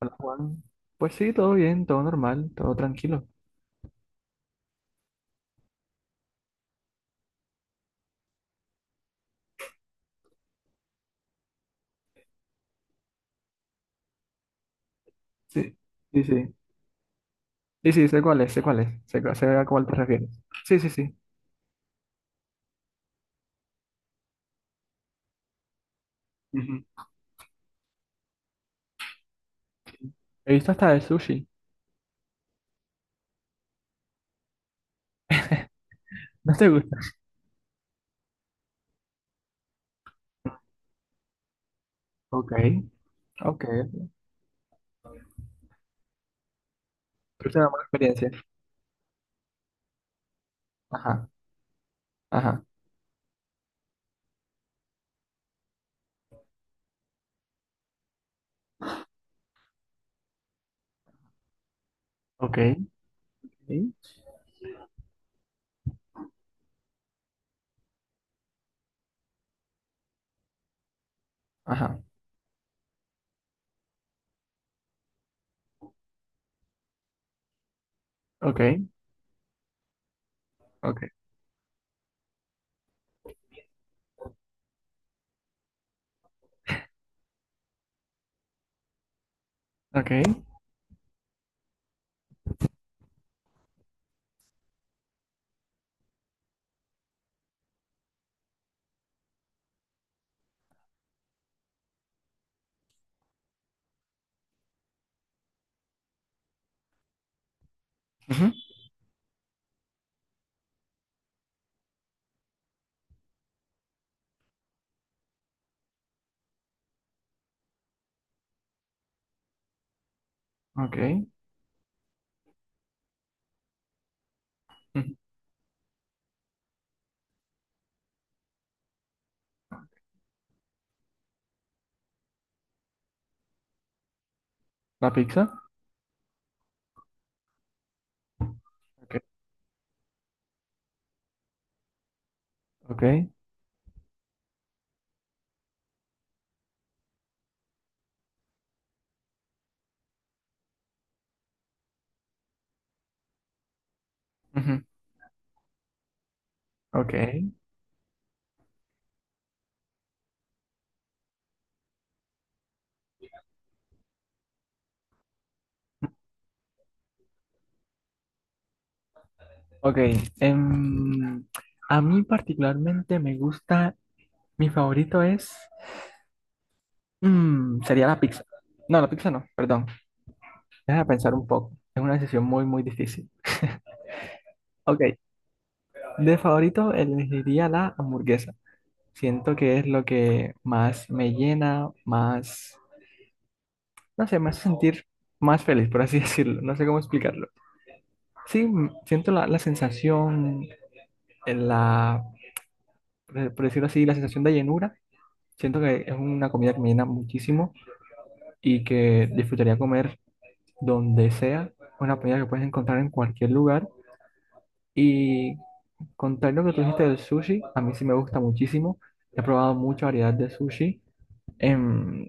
Hola Juan. Pues sí, todo bien, todo normal, todo tranquilo. Sí, sí, sí. Sí, sí, sé cuál es, sé cuál es, sé, sé a cuál te refieres. Sí, sí, sí. Ujú. He visto hasta de sushi. ¿No te gusta? Ok, ok. Pero es una buena experiencia. Ajá, ajá. Ok. Sí. Ajá. Ok, ok, ok. Ujú. Ok. Ujú. La pizza. Ok, ok. Ujú. Ok, ok. Em, a mí particularmente me gusta, mi favorito es... Sería la pizza. No, la pizza no, perdón. Déjame pensar un poco. Es una decisión muy, muy difícil. Ok, de favorito elegiría la hamburguesa. Siento que es lo que más me llena, más, no sé, me hace sentir más feliz, por así decirlo. No sé cómo explicarlo. Sí, siento la, la sensación, la, por decirlo así, la sensación de llenura. Siento que es una comida que me llena muchísimo y que disfrutaría comer donde sea. Una comida que puedes encontrar en cualquier lugar. Y contar lo que tú dijiste del sushi, a mí sí me gusta muchísimo. He probado mucha variedad de sushi. Em,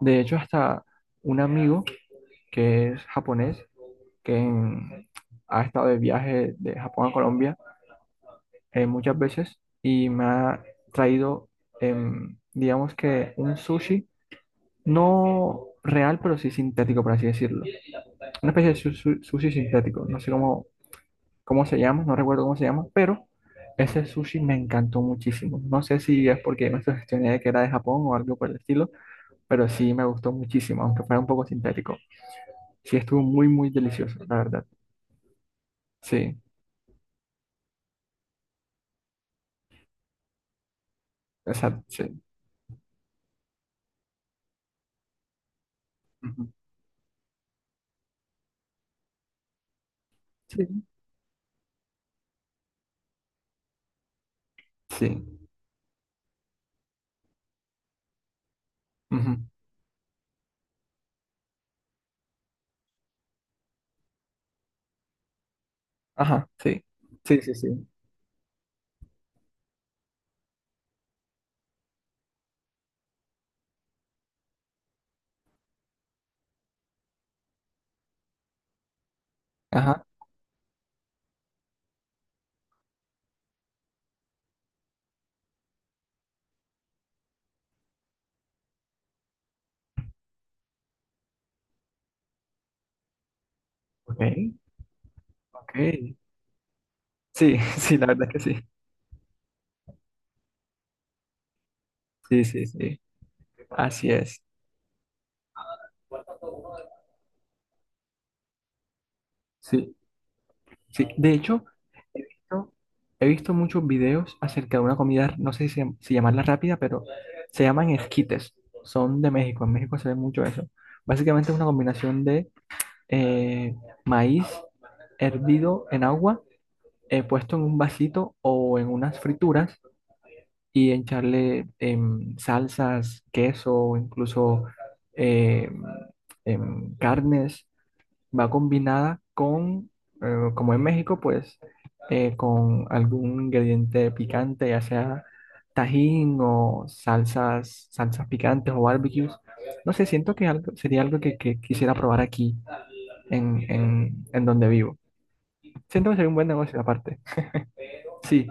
de hecho, hasta un amigo que es japonés, que ha estado de viaje de Japón a Colombia muchas veces y me ha traído, digamos que un sushi, no real, pero sí sintético, por así decirlo. Una especie de sushi sintético. No sé cómo cómo se llama, no recuerdo cómo se llama, pero ese sushi me encantó muchísimo. No sé si es porque me sugestioné de que era de Japón o algo por el estilo, pero sí me gustó muchísimo, aunque fuera un poco sintético. Sí, estuvo muy, muy delicioso, la verdad. Sí, exacto, sí. Ujú. Sí, sí. Ujú. Ajá, sí. Sí, sí, sí. Ajá. Ok, ok. Sí, sí, la verdad es que sí. Sí, sí, sí. Así es. Sí. Sí, de hecho, he visto, he visto muchos videos acerca de una comida, no sé si, si llamarla rápida, pero se llaman esquites. Son de México, en México se ve mucho eso. Básicamente es una combinación de eh, maíz hervido en agua, puesto en un vasito o en unas frituras y echarle salsas, queso, incluso em, carnes va combinada con, como en México, pues con algún ingrediente picante, ya sea tajín o salsas, salsas picantes o barbecues. No sé, siento que algo, sería algo que quisiera probar aquí en donde vivo. Siento que sería un buen negocio aparte. Sí,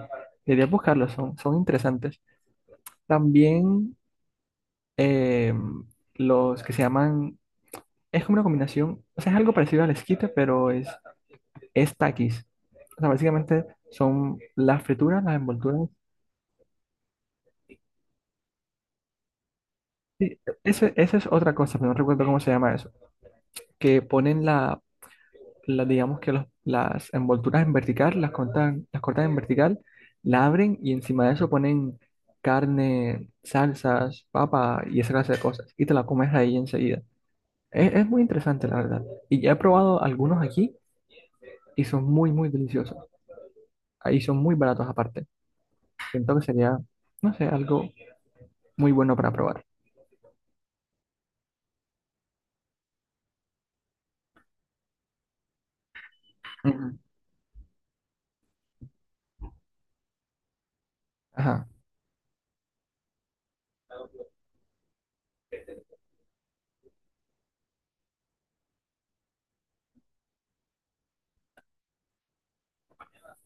deberías buscarlos, son, son interesantes. También eh, los que se llaman, es como una combinación, o sea, es algo parecido al esquite, pero es Takis. O sea, básicamente son las frituras, las envolturas. Sí, esa es otra cosa, pero no recuerdo cómo se llama eso. Que ponen la, digamos que las envolturas en vertical, las cortan en vertical, la abren y encima de eso ponen carne, salsas, papa y esa clase de cosas. Y te la comes ahí enseguida. Es muy interesante, la verdad. Y ya he probado algunos aquí y son muy, muy deliciosos. Ahí son muy baratos aparte. Siento que sería, no sé, algo muy bueno para probar. Ujú. Ajá,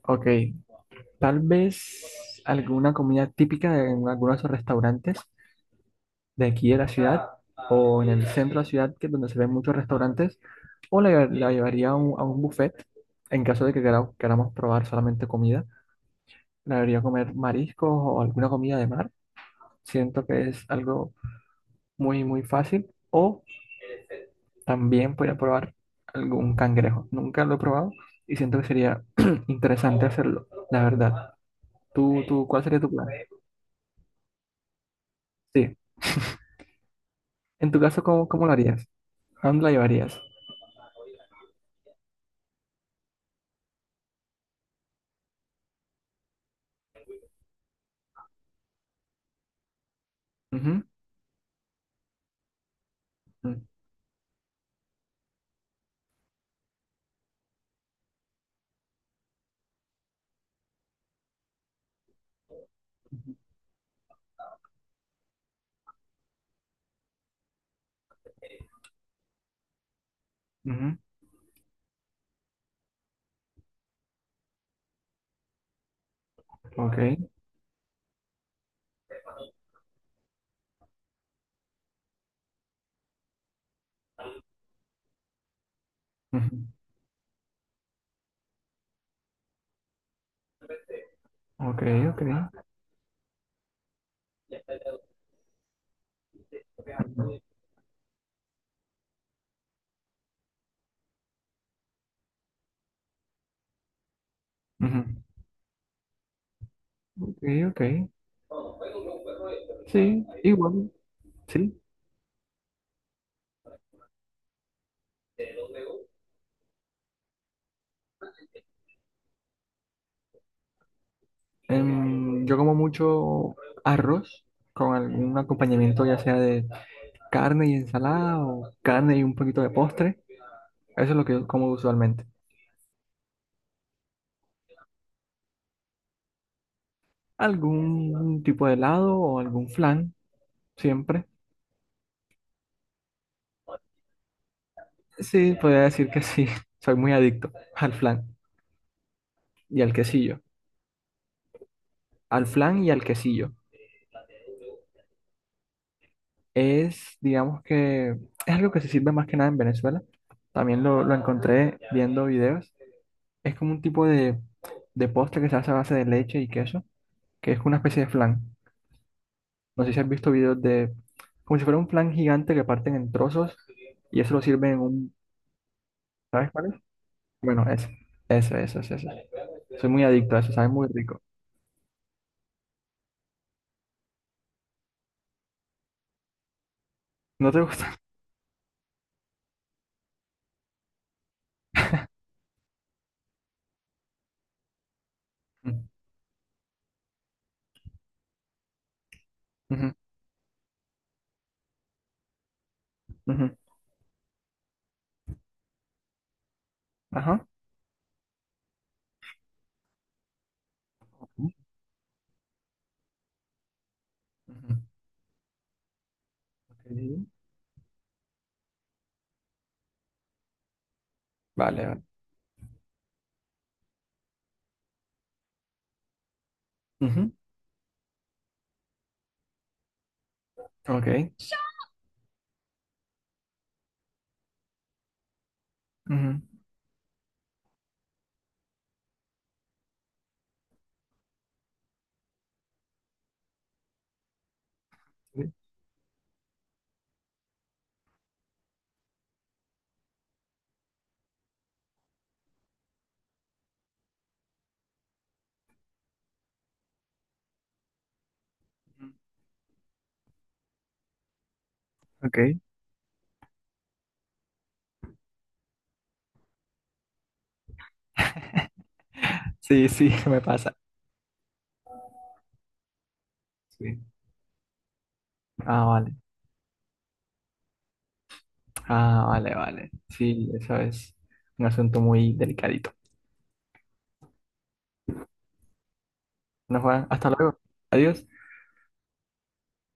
ok. Tal vez alguna comida típica en algunos restaurantes de aquí de la ciudad o en el centro de la ciudad, que es donde se ven muchos restaurantes, o la, la llevaría a un buffet en caso de que queramos probar solamente comida. La debería comer mariscos o alguna comida de mar. Siento que es algo muy, muy fácil. O también podría probar algún cangrejo. Nunca lo he probado y siento que sería interesante hacerlo, la verdad. ¿Tú, tú, cuál sería tu plan? Sí. En tu caso, ¿cómo, cómo lo harías? ¿A dónde la llevarías? Ujú, ujú, ujú, ok. Ujú, ok, ok. Ujú, ujú, ok, ok. Sí, igual, sí. Yo como mucho arroz con algún acompañamiento, ya sea de carne y ensalada o carne y un poquito de postre. Eso es lo que yo como usualmente. Algún tipo de helado o algún flan, siempre. Sí, podría decir que sí. Soy muy adicto al flan y al quesillo. Al flan y al quesillo. Es, digamos que, es algo que se sirve más que nada en Venezuela. También lo encontré viendo videos. Es como un tipo de postre que se hace a base de leche y queso, que es una especie de flan. No sé si has visto videos de, como si fuera un flan gigante que parten en trozos y eso lo sirven en un, ¿sabes cuál es? Bueno, eso, eso, eso, eso, eso. Soy muy adicto a eso, sabe muy rico. ¿No te gusta? Ujú, ujú. Ajá. Ujú, ujú. Ok. Vale, vale. Ujú, ok. Ujú. Sí, ok. Sí, sí, me pasa. Sí. Ah, vale. Ah, vale, vale. Sí, eso es un asunto muy delicadito. Bueno, Juan, hasta luego. Adiós.